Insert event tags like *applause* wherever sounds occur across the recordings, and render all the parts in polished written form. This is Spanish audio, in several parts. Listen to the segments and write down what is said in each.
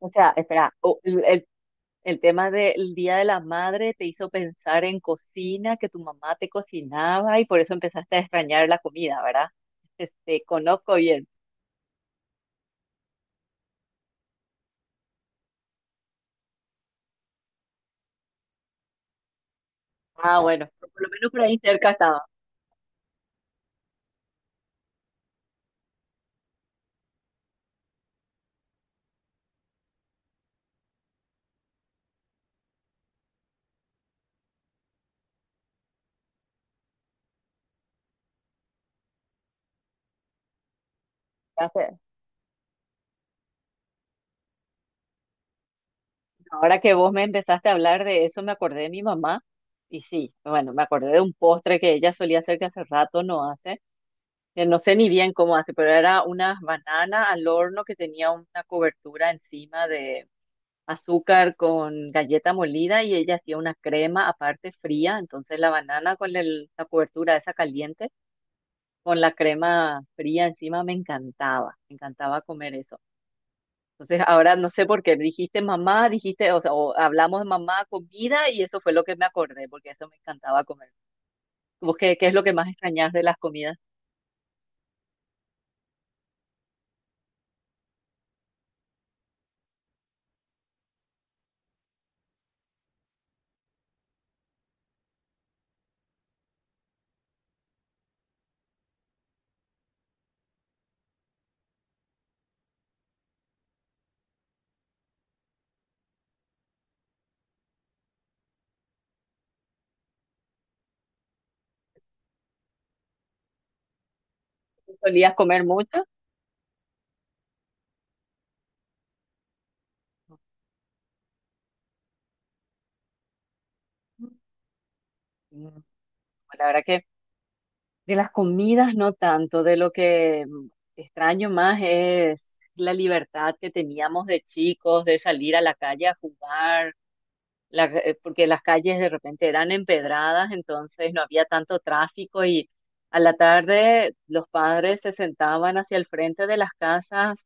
O sea, espera, el tema del Día de la Madre te hizo pensar en cocina, que tu mamá te cocinaba y por eso empezaste a extrañar la comida, ¿verdad? Este, conozco bien. Ah, bueno, por lo menos por ahí cerca estaba. Ya sé. Ahora que vos me empezaste a hablar de eso, me acordé de mi mamá y sí, bueno, me acordé de un postre que ella solía hacer que hace rato no hace. Que No sé ni bien cómo hace, pero era una banana al horno que tenía una cobertura encima de azúcar con galleta molida y ella hacía una crema aparte fría, entonces la banana con la cobertura esa caliente, con la crema fría encima me encantaba comer eso. Entonces ahora no sé por qué dijiste mamá, dijiste, o sea, o hablamos de mamá, comida y eso fue lo que me acordé, porque eso me encantaba comer. ¿Vos qué, qué es lo que más extrañas de las comidas? ¿Solías comer mucho? Mm, La verdad que de las comidas no tanto, de lo que extraño más es la libertad que teníamos de chicos, de salir a la calle a jugar, porque las calles de repente eran empedradas, entonces no había tanto tráfico y a la tarde los padres se sentaban hacia el frente de las casas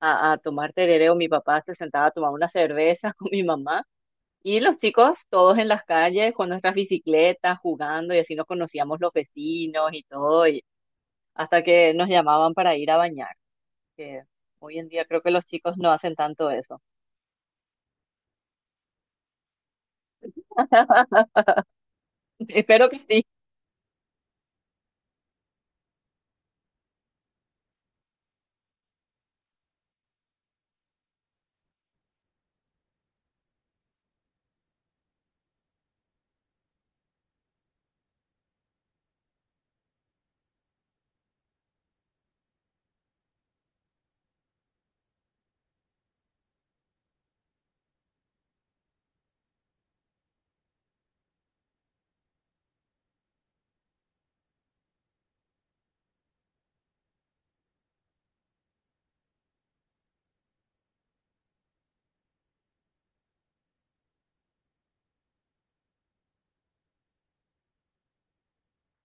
a tomar tereré o mi papá se sentaba a tomar una cerveza *laughs* con mi mamá. Y los chicos todos en las calles con nuestras bicicletas jugando y así nos conocíamos los vecinos y todo, y hasta que nos llamaban para ir a bañar, que hoy en día creo que los chicos no hacen tanto eso. *laughs* Espero que sí.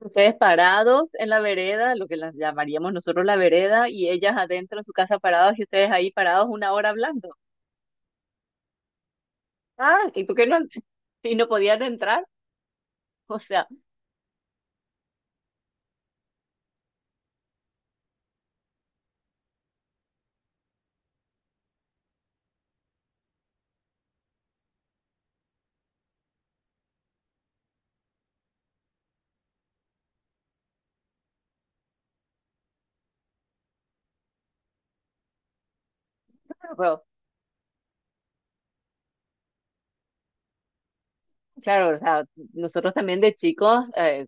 Ustedes parados en la vereda, lo que las llamaríamos nosotros la vereda, y ellas adentro en su casa parados y ustedes ahí parados una hora hablando. Ah, ¿y por qué no? *laughs* Y no podían entrar. O sea, bueno, claro, o sea, nosotros también de chicos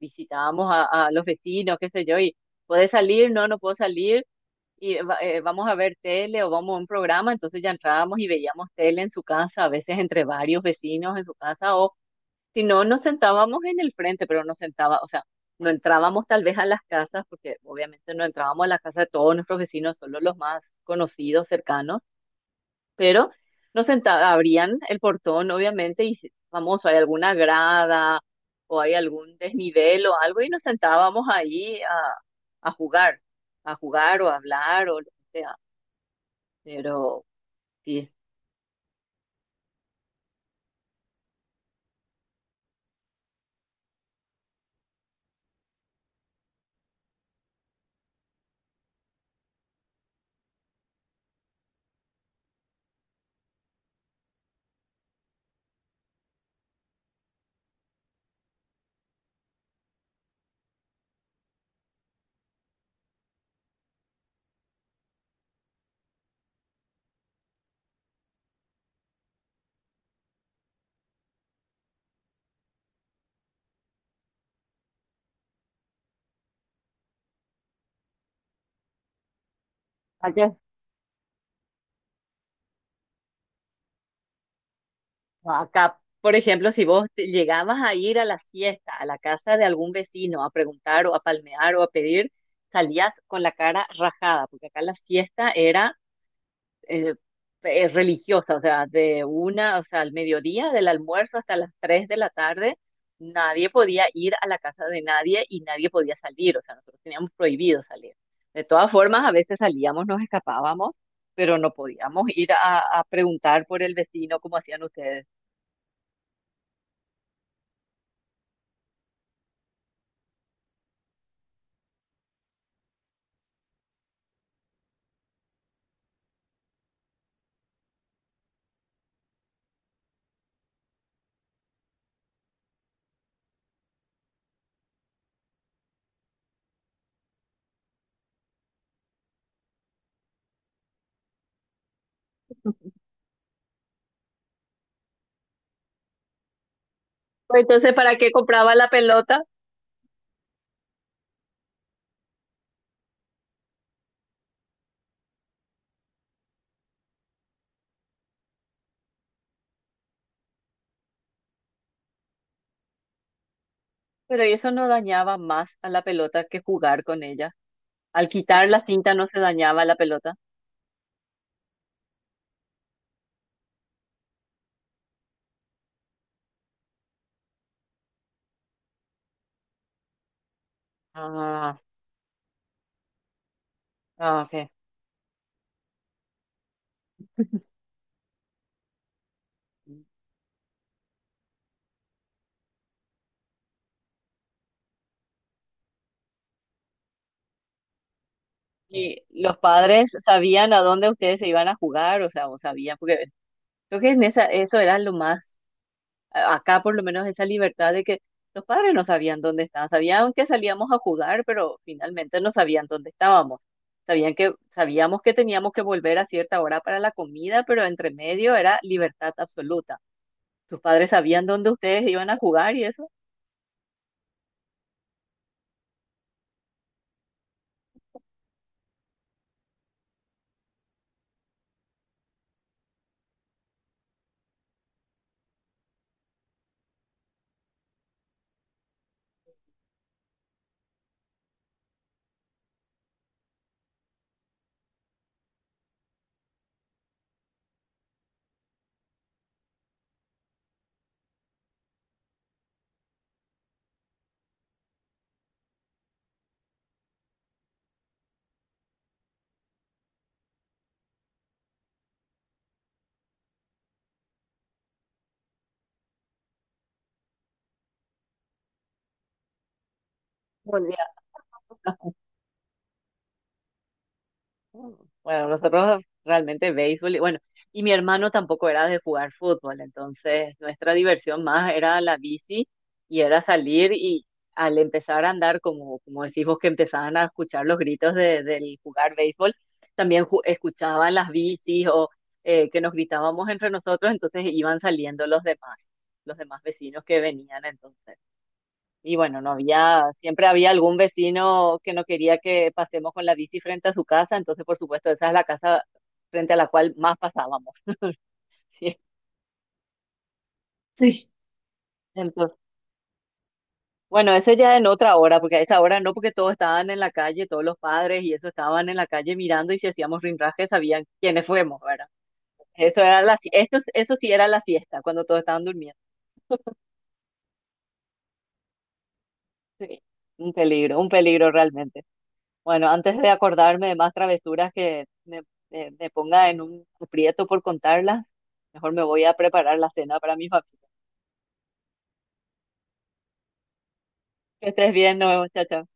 visitábamos a los vecinos, qué sé yo, y ¿puedes salir? No, no puedo salir y vamos a ver tele o vamos a un programa, entonces ya entrábamos y veíamos tele en su casa, a veces entre varios vecinos en su casa, o si no, nos sentábamos en el frente, pero nos sentaba, o sea, no entrábamos tal vez a las casas, porque obviamente no entrábamos a la casa de todos nuestros vecinos, solo los más conocidos, cercanos, pero nos sentaba, abrían el portón, obviamente, y famoso, hay alguna grada o hay algún desnivel o algo, y nos sentábamos ahí a jugar, a jugar o a hablar o lo que sea. Pero sí, acá, acá, por ejemplo, si vos llegabas a ir a la fiesta, a la casa de algún vecino, a preguntar o a palmear o a pedir, salías con la cara rajada, porque acá la fiesta era eh, religiosa, o sea, de una, o sea, al mediodía, del almuerzo hasta las 3 de la tarde, nadie podía ir a la casa de nadie y nadie podía salir, o sea, nosotros teníamos prohibido salir. De todas formas, a veces salíamos, nos escapábamos, pero no podíamos ir a preguntar por el vecino como hacían ustedes. Pues entonces, ¿para qué compraba la pelota? Pero eso no dañaba más a la pelota que jugar con ella. Al quitar la cinta no se dañaba la pelota. Ah, ah, ok. Y los padres sabían a dónde ustedes se iban a jugar, o sea, o sabían, porque creo que en esa, eso era lo más, acá por lo menos esa libertad de que los padres no sabían dónde estaban, sabían que salíamos a jugar, pero finalmente no sabían dónde estábamos. Sabían que, sabíamos que teníamos que volver a cierta hora para la comida, pero entre medio era libertad absoluta. Tus padres sabían dónde ustedes iban a jugar y eso. Bueno, nosotros realmente béisbol, y bueno, y mi hermano tampoco era de jugar fútbol, entonces nuestra diversión más era la bici y era salir y al empezar a andar, como, como decís vos, que empezaban a escuchar los gritos de, del jugar béisbol, también escuchaban las bicis o que nos gritábamos entre nosotros, entonces iban saliendo los demás vecinos que venían entonces. Y bueno, no había, siempre había algún vecino que no quería que pasemos con la bici frente a su casa, entonces por supuesto esa es la casa frente a la cual más pasábamos. *laughs* ¿sí? Sí. Entonces, bueno, eso ya en otra hora, porque a esa hora no, porque todos estaban en la calle, todos los padres y eso estaban en la calle mirando y si hacíamos rinraje sabían quiénes fuimos, ¿verdad? Eso era la, eso sí era la fiesta, cuando todos estaban durmiendo. Sí, un peligro realmente. Bueno, antes de acordarme de más travesuras que me, me ponga en un aprieto por contarlas, mejor me voy a preparar la cena para mi familia. Que estés bien, nos vemos, chao, chao.